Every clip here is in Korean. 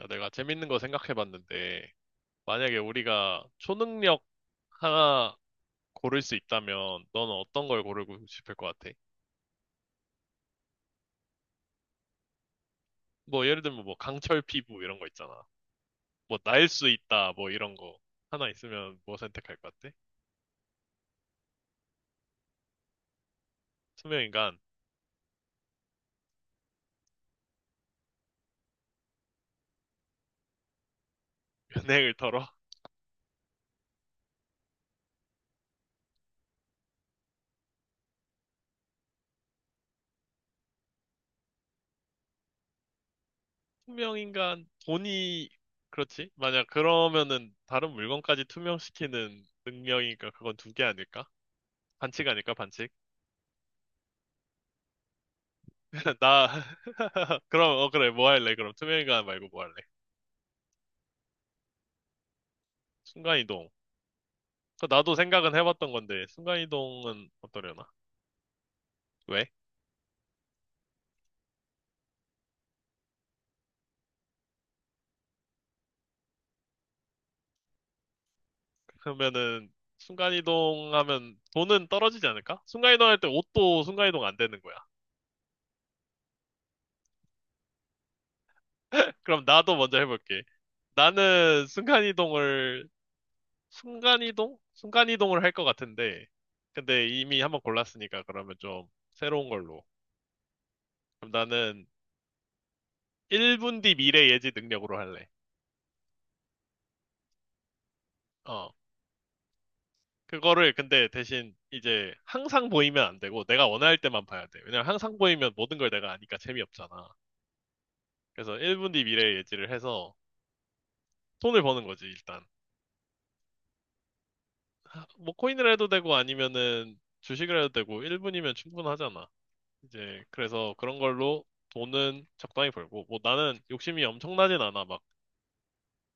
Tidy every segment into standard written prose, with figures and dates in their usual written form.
야, 내가 재밌는 거 생각해봤는데, 만약에 우리가 초능력 하나 고를 수 있다면, 너는 어떤 걸 고르고 싶을 것 같아? 뭐, 예를 들면 뭐, 강철 피부 이런 거 있잖아. 뭐, 날 수 있다, 뭐, 이런 거. 하나 있으면 뭐 선택할 것 같아? 투명인간, 연예인을 털어? 투명인간, 돈이, 그렇지? 만약 그러면은, 다른 물건까지 투명시키는 능력이니까 그건 두 개 아닐까? 반칙 아닐까, 반칙? 나, 그럼, 어, 그래, 뭐 할래? 그럼 투명인간 말고 뭐 할래? 순간이동. 그 나도 생각은 해봤던 건데, 순간이동은 어떠려나? 왜? 그러면은, 순간이동 하면 돈은 떨어지지 않을까? 순간이동 할 때 옷도 순간이동 안 되는 거야. 그럼 나도 먼저 해볼게. 나는 순간이동을, 순간이동? 순간이동을 할 것 같은데, 근데 이미 한번 골랐으니까 그러면 좀 새로운 걸로. 그럼 나는 1분 뒤 미래 예지 능력으로 할래. 어, 그거를 근데 대신 이제 항상 보이면 안 되고 내가 원할 때만 봐야 돼. 왜냐면 항상 보이면 모든 걸 내가 아니까 재미없잖아. 그래서 1분 뒤 미래 예지를 해서 돈을 버는 거지, 일단. 뭐 코인을 해도 되고 아니면은 주식을 해도 되고 1분이면 충분하잖아. 이제 그래서 그런 걸로 돈은 적당히 벌고 뭐 나는 욕심이 엄청나진 않아. 막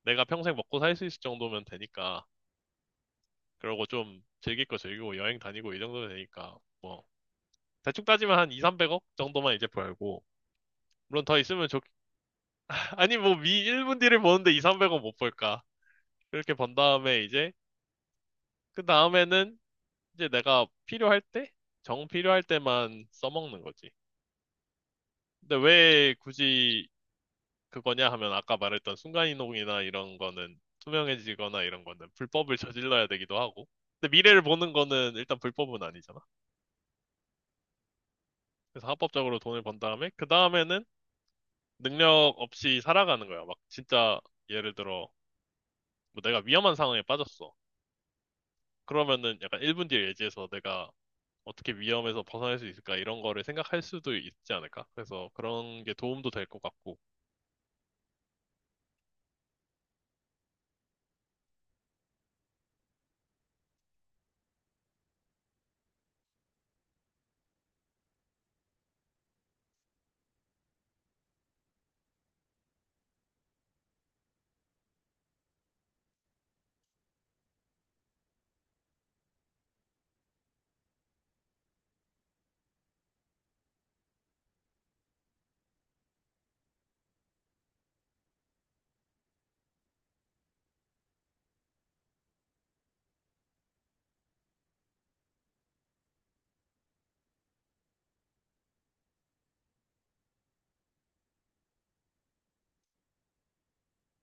내가 평생 먹고 살 수 있을 정도면 되니까. 그러고 좀 즐길 거 즐기고 여행 다니고 이 정도면 되니까 뭐 대충 따지면 한 2, 300억 정도만 이제 벌고 물론 더 있으면 좋 아니, 뭐, 미 1분 뒤를 보는데 2, 300원 못 벌까. 그렇게 번 다음에 이제, 그 다음에는 이제 내가 필요할 때? 정 필요할 때만 써먹는 거지. 근데 왜 굳이 그거냐 하면 아까 말했던 순간이동이나 이런 거는 투명해지거나 이런 거는 불법을 저질러야 되기도 하고. 근데 미래를 보는 거는 일단 불법은 아니잖아. 그래서 합법적으로 돈을 번 다음에, 그 다음에는 능력 없이 살아가는 거야. 막 진짜 예를 들어, 뭐 내가 위험한 상황에 빠졌어. 그러면은 약간 1분 뒤에 예지해서 내가 어떻게 위험에서 벗어날 수 있을까 이런 거를 생각할 수도 있지 않을까? 그래서 그런 게 도움도 될 것 같고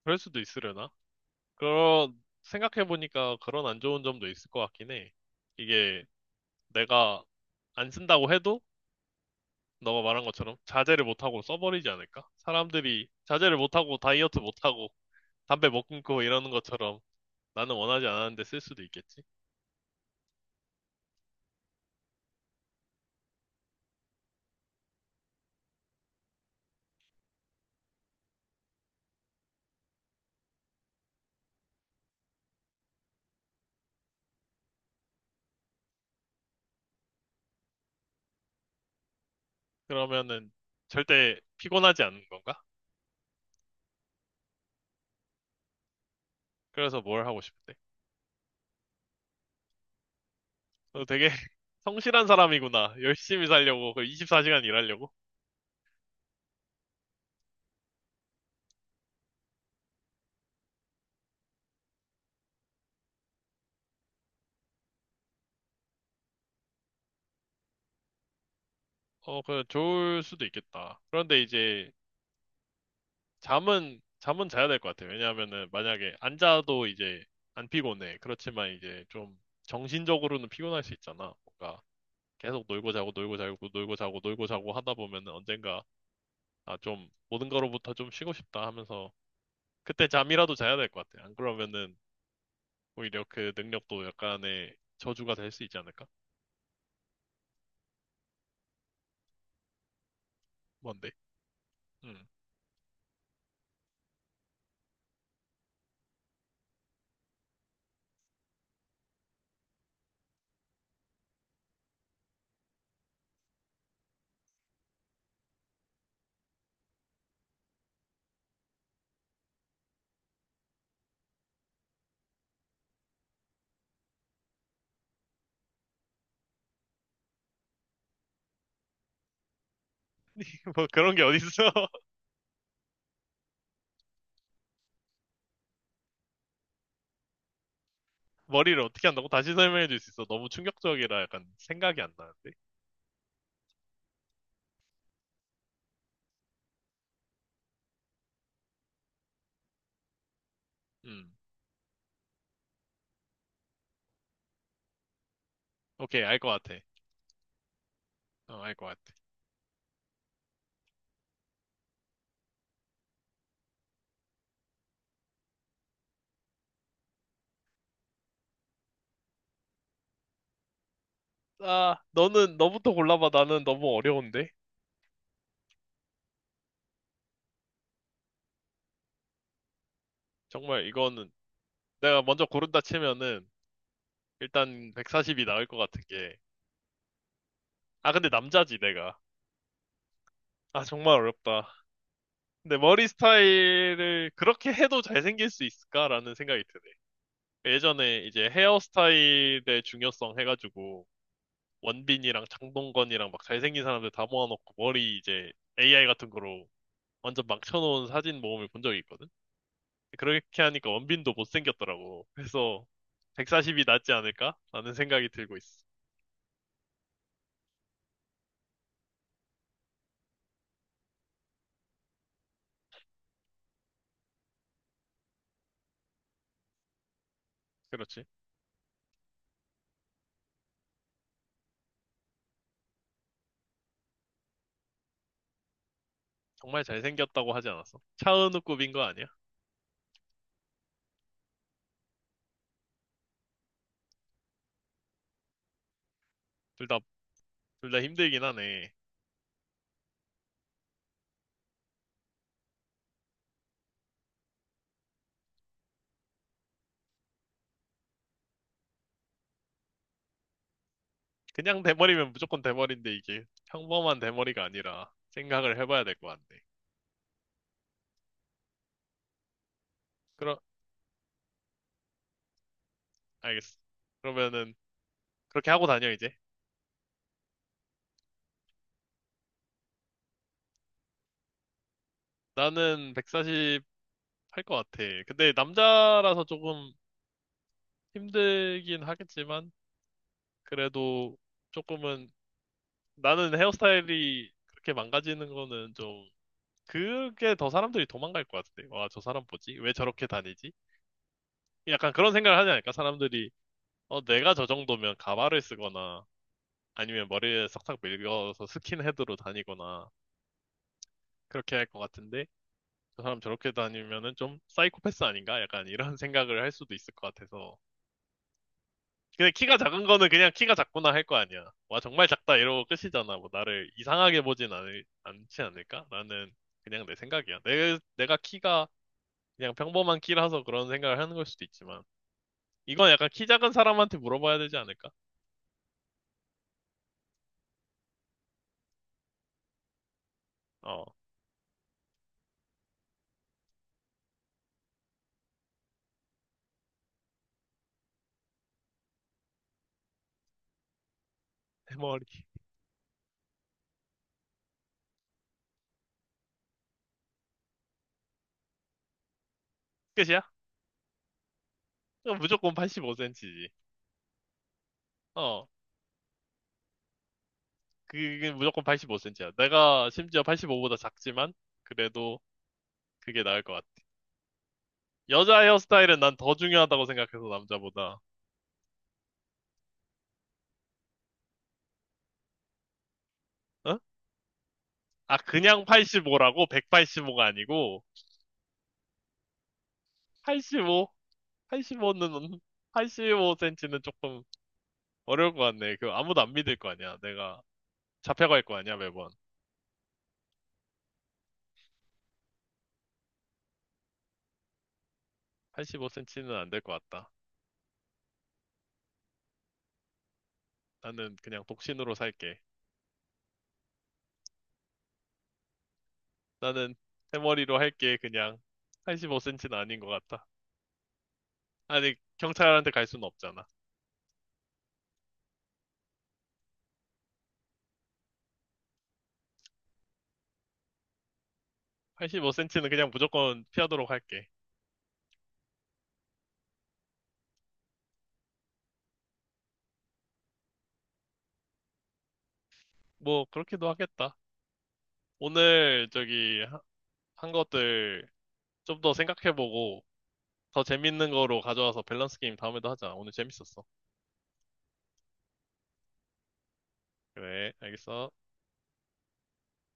그럴 수도 있으려나? 그런 생각해 보니까 그런 안 좋은 점도 있을 것 같긴 해. 이게 내가 안 쓴다고 해도 너가 말한 것처럼 자제를 못 하고 써버리지 않을까? 사람들이 자제를 못 하고 다이어트 못 하고 담배 못 끊고 이러는 것처럼 나는 원하지 않았는데 쓸 수도 있겠지? 그러면은 절대 피곤하지 않는 건가? 그래서 뭘 하고 싶대? 너 되게 성실한 사람이구나. 열심히 살려고, 그 24시간 일하려고? 어, 그 좋을 수도 있겠다. 그런데 이제 잠은 자야 될 것 같아. 왜냐하면은 만약에 안 자도 이제 안 피곤해. 그렇지만 이제 좀 정신적으로는 피곤할 수 있잖아. 뭔가 계속 놀고 자고 놀고 자고 놀고 자고 놀고 자고 하다 보면은 언젠가 아, 좀 모든 거로부터 좀 쉬고 싶다 하면서 그때 잠이라도 자야 될 것 같아. 안 그러면은 오히려 그 능력도 약간의 저주가 될 수 있지 않을까? 뭔데? 음. 뭐 그런 게 어딨어? 머리를 어떻게 한다고? 다시 설명해 줄 수 있어. 너무 충격적이라 약간 생각이 안 나는데? 음, 오케이, 알 것 같아. 어, 알 것 같아. 아, 너부터 골라봐. 나는 너무 어려운데? 정말 이거는 내가 먼저 고른다 치면은 일단 140이 나올 것 같은 게. 아, 근데 남자지, 내가. 아, 정말 어렵다. 근데 머리 스타일을 그렇게 해도 잘생길 수 있을까라는 생각이 드네. 예전에 이제 헤어스타일의 중요성 해가지고 원빈이랑 장동건이랑 막 잘생긴 사람들 다 모아놓고 머리 이제 AI 같은 거로 완전 막 쳐놓은 사진 모음을 본 적이 있거든? 그렇게 하니까 원빈도 못생겼더라고. 그래서 140이 낫지 않을까? 라는 생각이 들고 있어. 그렇지. 정말 잘생겼다고 하지 않았어? 차은우급인 거 아니야? 둘 다, 둘 다 힘들긴 하네. 그냥 대머리면 무조건 대머리인데 이게 평범한 대머리가 아니라 생각을 해봐야 될 것 같네. 그럼, 알겠어. 그러면은 그렇게 하고 다녀, 이제. 나는 140 할 것 같아. 근데 남자라서 조금 힘들긴 하겠지만, 그래도 조금은, 나는 헤어스타일이 그렇게 망가지는 거는 좀, 그게 더 사람들이 도망갈 것 같은데. 와, 저 사람 뭐지? 왜 저렇게 다니지? 약간 그런 생각을 하지 않을까? 사람들이, 어, 내가 저 정도면 가발을 쓰거나, 아니면 머리에 싹싹 밀려서 스킨헤드로 다니거나, 그렇게 할 것 같은데, 저 사람 저렇게 다니면은 좀 사이코패스 아닌가? 약간 이런 생각을 할 수도 있을 것 같아서. 근데 키가 작은 거는 그냥 키가 작구나 할 거 아니야. 와, 정말 작다 이러고 끝이잖아. 뭐 나를 이상하게 보진 않지 않을까? 나는 그냥 내 생각이야. 내가 키가 그냥 평범한 키라서 그런 생각을 하는 걸 수도 있지만. 이건 약간 키 작은 사람한테 물어봐야 되지 않을까? 어, 대머리. 끝이야? 그럼 무조건 85cm지. 어, 그게 무조건 85cm야. 내가 심지어 85보다 작지만, 그래도 그게 나을 것 같아. 여자 헤어스타일은 난 더 중요하다고 생각해서 남자보다. 어? 아, 그냥 85라고 185가 아니고 85? 85는 85cm는 조금 어려울 것 같네. 그 아무도 안 믿을 거 아니야. 내가 잡혀갈 거 아니야, 매번. 85cm는 안 될 것 같다. 나는 그냥 독신으로 살게. 나는 대머리로 할게. 그냥 85cm는 아닌 것 같다. 아니, 경찰한테 갈 수는 없잖아. 85cm는 그냥 무조건 피하도록 할게. 뭐 그렇게도 하겠다. 오늘 저기 한 것들 좀 더 생각해보고 더 재밌는 거로 가져와서 밸런스 게임 다음에도 하자. 오늘 재밌었어. 그래, 알겠어.